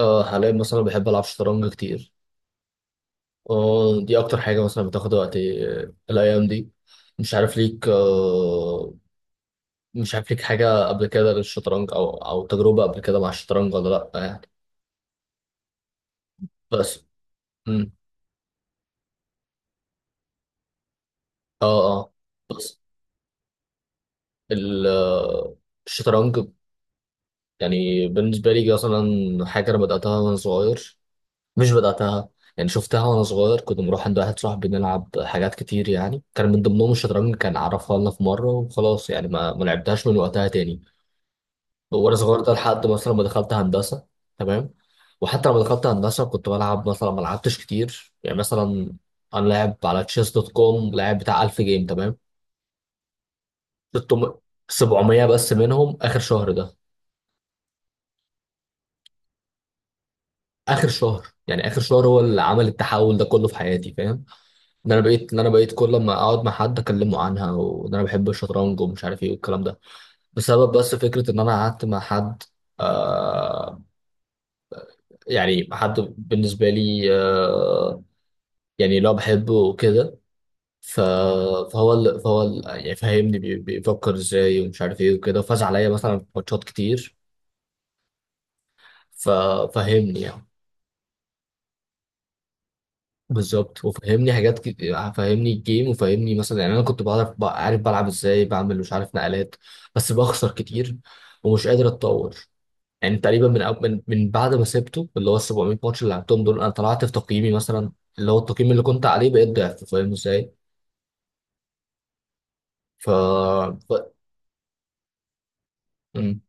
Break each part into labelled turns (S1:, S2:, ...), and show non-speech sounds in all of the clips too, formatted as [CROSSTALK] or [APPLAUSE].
S1: اه، حاليا مثلا بحب العب شطرنج كتير. اه، دي اكتر حاجه مثلا بتاخد وقتي، الايام دي. مش عارف ليك مش عارف ليك حاجه قبل كده للشطرنج او تجربه قبل كده مع الشطرنج ولا؟ لا يعني. بس. مم. اه، اه. بس ال- آه، الشطرنج يعني بالنسبه لي مثلا حاجه انا بداتها وانا صغير. مش بدأتها. يعني شفتها وأنا صغير، كنت بروح عند واحد صاحبي نلعب حاجات كتير، يعني كان من ضمنهم الشطرنج، كان عرفها لنا في مرة وخلاص، يعني ما لعبتهاش من وقتها تاني. وأنا صغير ده لحد مثلا ما دخلت هندسة. تمام. وحتى لما دخلت هندسة كنت بلعب مثلا، ما لعبتش كتير يعني مثلا. أنا لاعب على تشيس دوت كوم، لاعب بتاع 1000 جيم، تمام. 600، 700 بس منهم آخر شهر ده. آخر شهر، يعني آخر شهر هو اللي عمل التحول ده كله في حياتي، فاهم؟ ده انا بقيت كل ما اقعد مع حد اكلمه عنها، وان انا بحب الشطرنج ومش عارف ايه والكلام ده، بسبب بس فكره ان انا قعدت مع حد. آه، يعني حد بالنسبه لي، يعني لو بحبه وكده. ف- فهو يعني فهمني بيفكر ازاي ومش عارف ايه وكده، وفاز عليا مثلا في ماتشات كتير. ففهمني يعني. بالظبط، وفهمني حاجات كتير، فهمني الجيم، وفهمني مثلا، يعني انا كنت بعرف عارف بلعب ازاي، بعمل مش عارف نقلات، بس بخسر كتير، ومش قادر اتطور. يعني تقريبا من أو- من من بعد ما سبته، اللي هو ال 700 ماتش اللي لعبتهم دول، انا طلعت في تقييمي مثلا، اللي هو التقييم اللي كنت عليه بقيت ضعف، فاهم ازاي؟ ف ف... مم.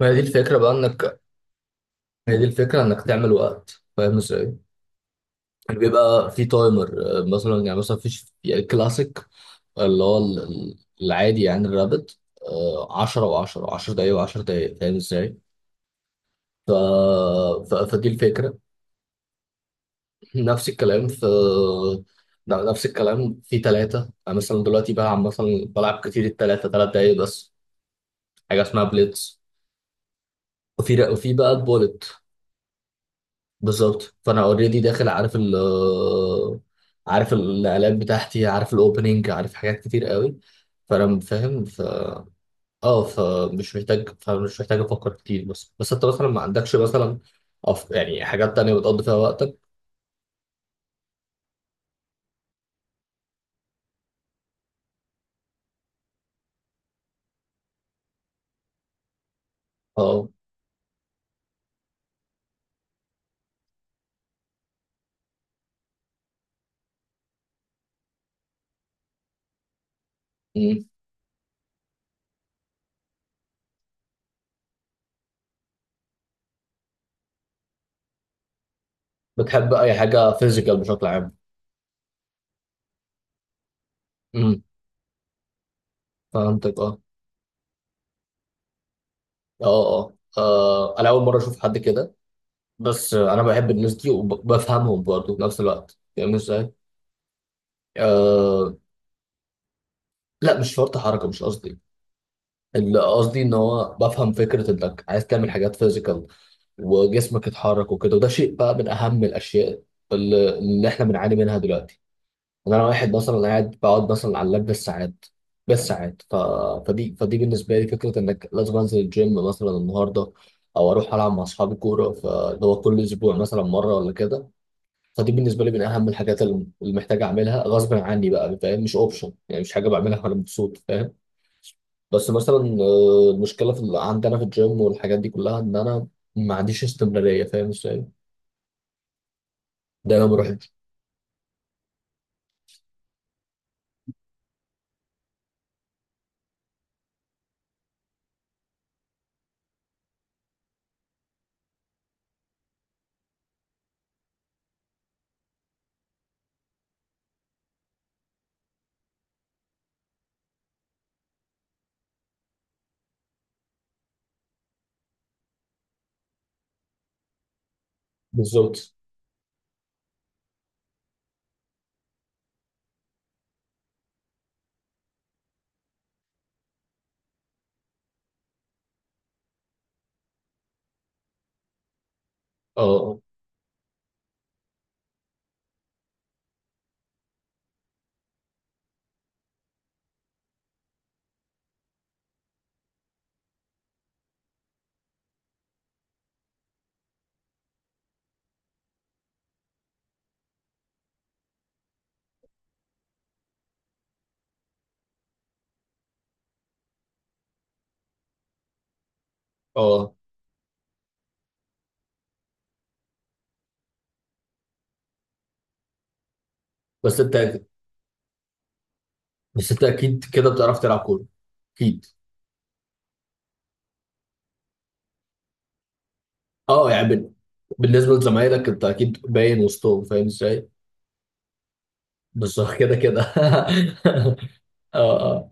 S1: ما هي دي الفكره بقى انك. ما هي دي الفكره انك تعمل وقت، فاهم ازاي؟ يعني بيبقى في تايمر. مثلا يعني مثلا فيش يعني الكلاسيك، اللي هو العادي يعني الرابط، 10 و10 و10 دقايق و10 دقايق، فاهم ازاي؟ ف... فدي الفكرة. [LAUGHS] [CLEARS THROAT] نفس الكلام في. نفس الكلام في ثلاثة. أنا مثلا دلوقتي بلعب مثلا بلعب كتير الثلاثة 3 دقايق بس، حاجة اسمها بليتز. وفي بقى البولت. بالظبط، فأنا اوريدي داخل، عارف عارف النقلات بتاعتي، عارف الاوبننج، عارف حاجات كتير قوي، فأنا فاهم. اه، فمش محتاج افكر كتير. بس انت مثلا ما عندكش مثلا، يعني حاجات تانية بتقضي فيها وقتك؟ اه. مم. بتحب اي حاجة فيزيكال بشكل عام؟ امم. فهمتك، اه، اه، اه. انا اول مرة اشوف حد كده. بس انا بحب الناس دي وبفهمهم برضه في نفس الوقت، فاهم ازاي؟ آه... لا، مش شرط حركة، مش قصدي. اللي قصدي ان هو بفهم فكرة انك عايز تعمل حاجات فيزيكال، وجسمك يتحرك وكده، وده شيء بقى من اهم الاشياء اللي احنا بنعاني منها دلوقتي. إن انا واحد مثلا قاعد بقعد مثلا على اللاب بالساعات، بالساعات، فدي بالنسبه لي فكره انك لازم انزل الجيم مثلا النهارده، او اروح العب مع اصحابي كوره، فاللي هو كل اسبوع مثلا مره ولا كده. فدي بالنسبه لي من اهم الحاجات اللي محتاج اعملها غصب عني بقى، فاهم؟ مش اوبشن، يعني مش حاجه بعملها وانا مبسوط، فاهم؟ بس مثلا المشكله في عندنا في الجيم والحاجات دي كلها ان انا ما عنديش استمراريه، فاهم ازاي؟ ده لو ما رحتش. بالظبط. اه، اه، اه. بس انت بس انت اكيد كده بتعرف تلعب كوره، اكيد. اه، يعني بالنسبه لزمايلك، انت اكيد باين وسطهم، فاهم ازاي؟ بس [LAUGHS] هو كده كده [LAUGHS] اه، اه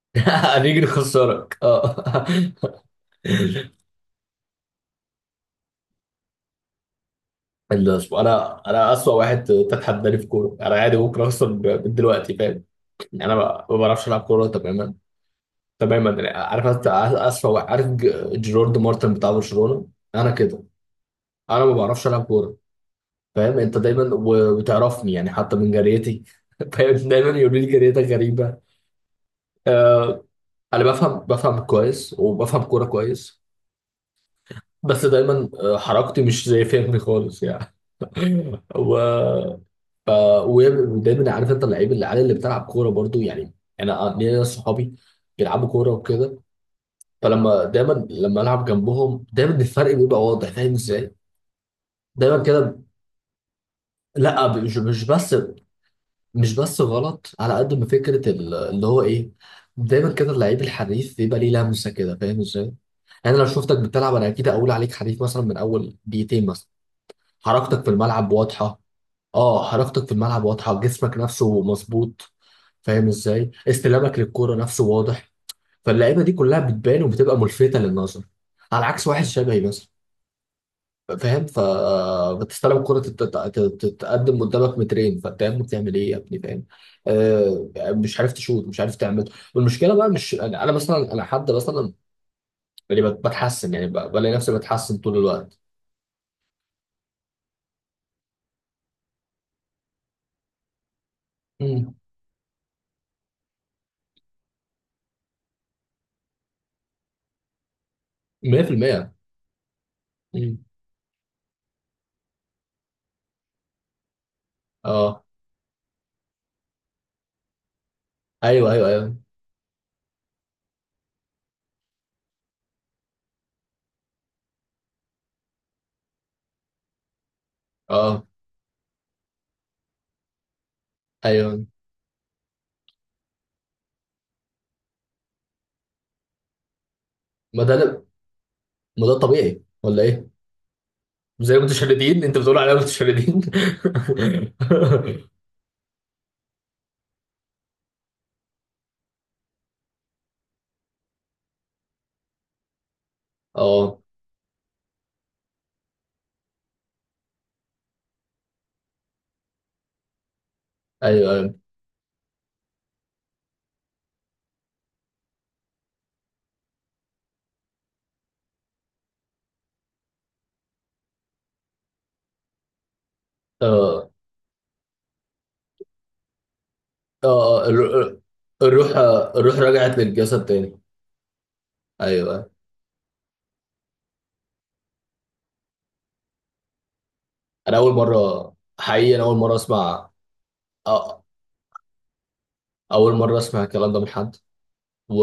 S1: [LAUGHS] هنيجي نخسرك، اه [LAUGHS] الأسبوع. انا اسوأ واحد تتحداني في كوره، انا عادي ممكن اخسر من دلوقتي، فاهم؟ يعني انا ما بعرفش العب كوره تماما، تماما. يعني عارف أنت اسوأ واحد، عارف جيرارد مارتن بتاع برشلونه؟ انا كده. انا ما بعرفش العب كوره، فاهم انت دايما، وتعرفني يعني حتى من جريتي. [LAUGHS] فاهم، دايما يقولوا لي جريتك غريبه. آه. انا بفهم كويس، وبفهم كوره كويس. بس دايما حركتي مش زي فهمي خالص يعني. [LAUGHS] و... ف... ودايما عارف انت اللعيب اللي على اللي بتلعب كوره برضو يعني. انا ليا ناس صحابي بيلعبوا كوره وكده. فلما دايما لما العب جنبهم، دايما الفرق بيبقى واضح، فاهم ازاي؟ دايما كده. لا، مش بس. مش بس غلط، على قد ما فكرة اللي هو ايه. دايما كده، اللعيب الحريف بيبقى ليه لمسة كده، فاهم ازاي؟ يعني أنا لو شفتك بتلعب، أنا أكيد أقول عليك حريف مثلا من أول دقيقتين مثلا. حركتك في الملعب واضحة. أه، حركتك في الملعب واضحة، جسمك نفسه مظبوط، فاهم ازاي؟ استلامك للكورة نفسه واضح. فاللعيبة دي كلها بتبان وبتبقى ملفتة للنظر، على عكس واحد شبهي مثلا. فاهم، فبتستلم كرة تتقدم قدامك مترين، فانت يا ابني بتعمل ايه يا ابني، فاهم؟ آه، مش عارف تشوط، مش عارف تعمل. والمشكله بقى مش انا، أنا مثلا انا حد مثلا اللي بتحسن، يعني بلاقي نفسي بتحسن طول الوقت. مم. 100%. مم. اه، ايوه، ايوه، ايوه. اه، ايوه. ما ده ما ده طبيعي ولا ايه؟ زي المتشردين، انت بتقول علينا متشردين؟ [LAUGHS] اه، ايوه، ايوه. آه. اه، الروح. الروح رجعت للجسد تاني. ايوه، انا اول مره. حقيقي، انا اول مره اسمع. أ- اول مره اسمع الكلام ده من حد، و...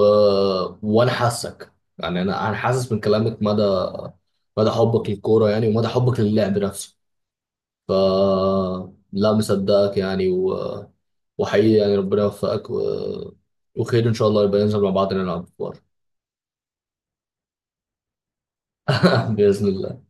S1: وانا حاسك. يعني انا حاسس من كلامك مدى، مدى حبك للكوره، يعني ومدى حبك للعب نفسه. ف لا، مصدقك يعني، وحقيقي يعني ربنا يوفقك، وخير ان شاء الله يبقى ننزل مع بعض نلعب كوره. [LAUGHS] باذن الله.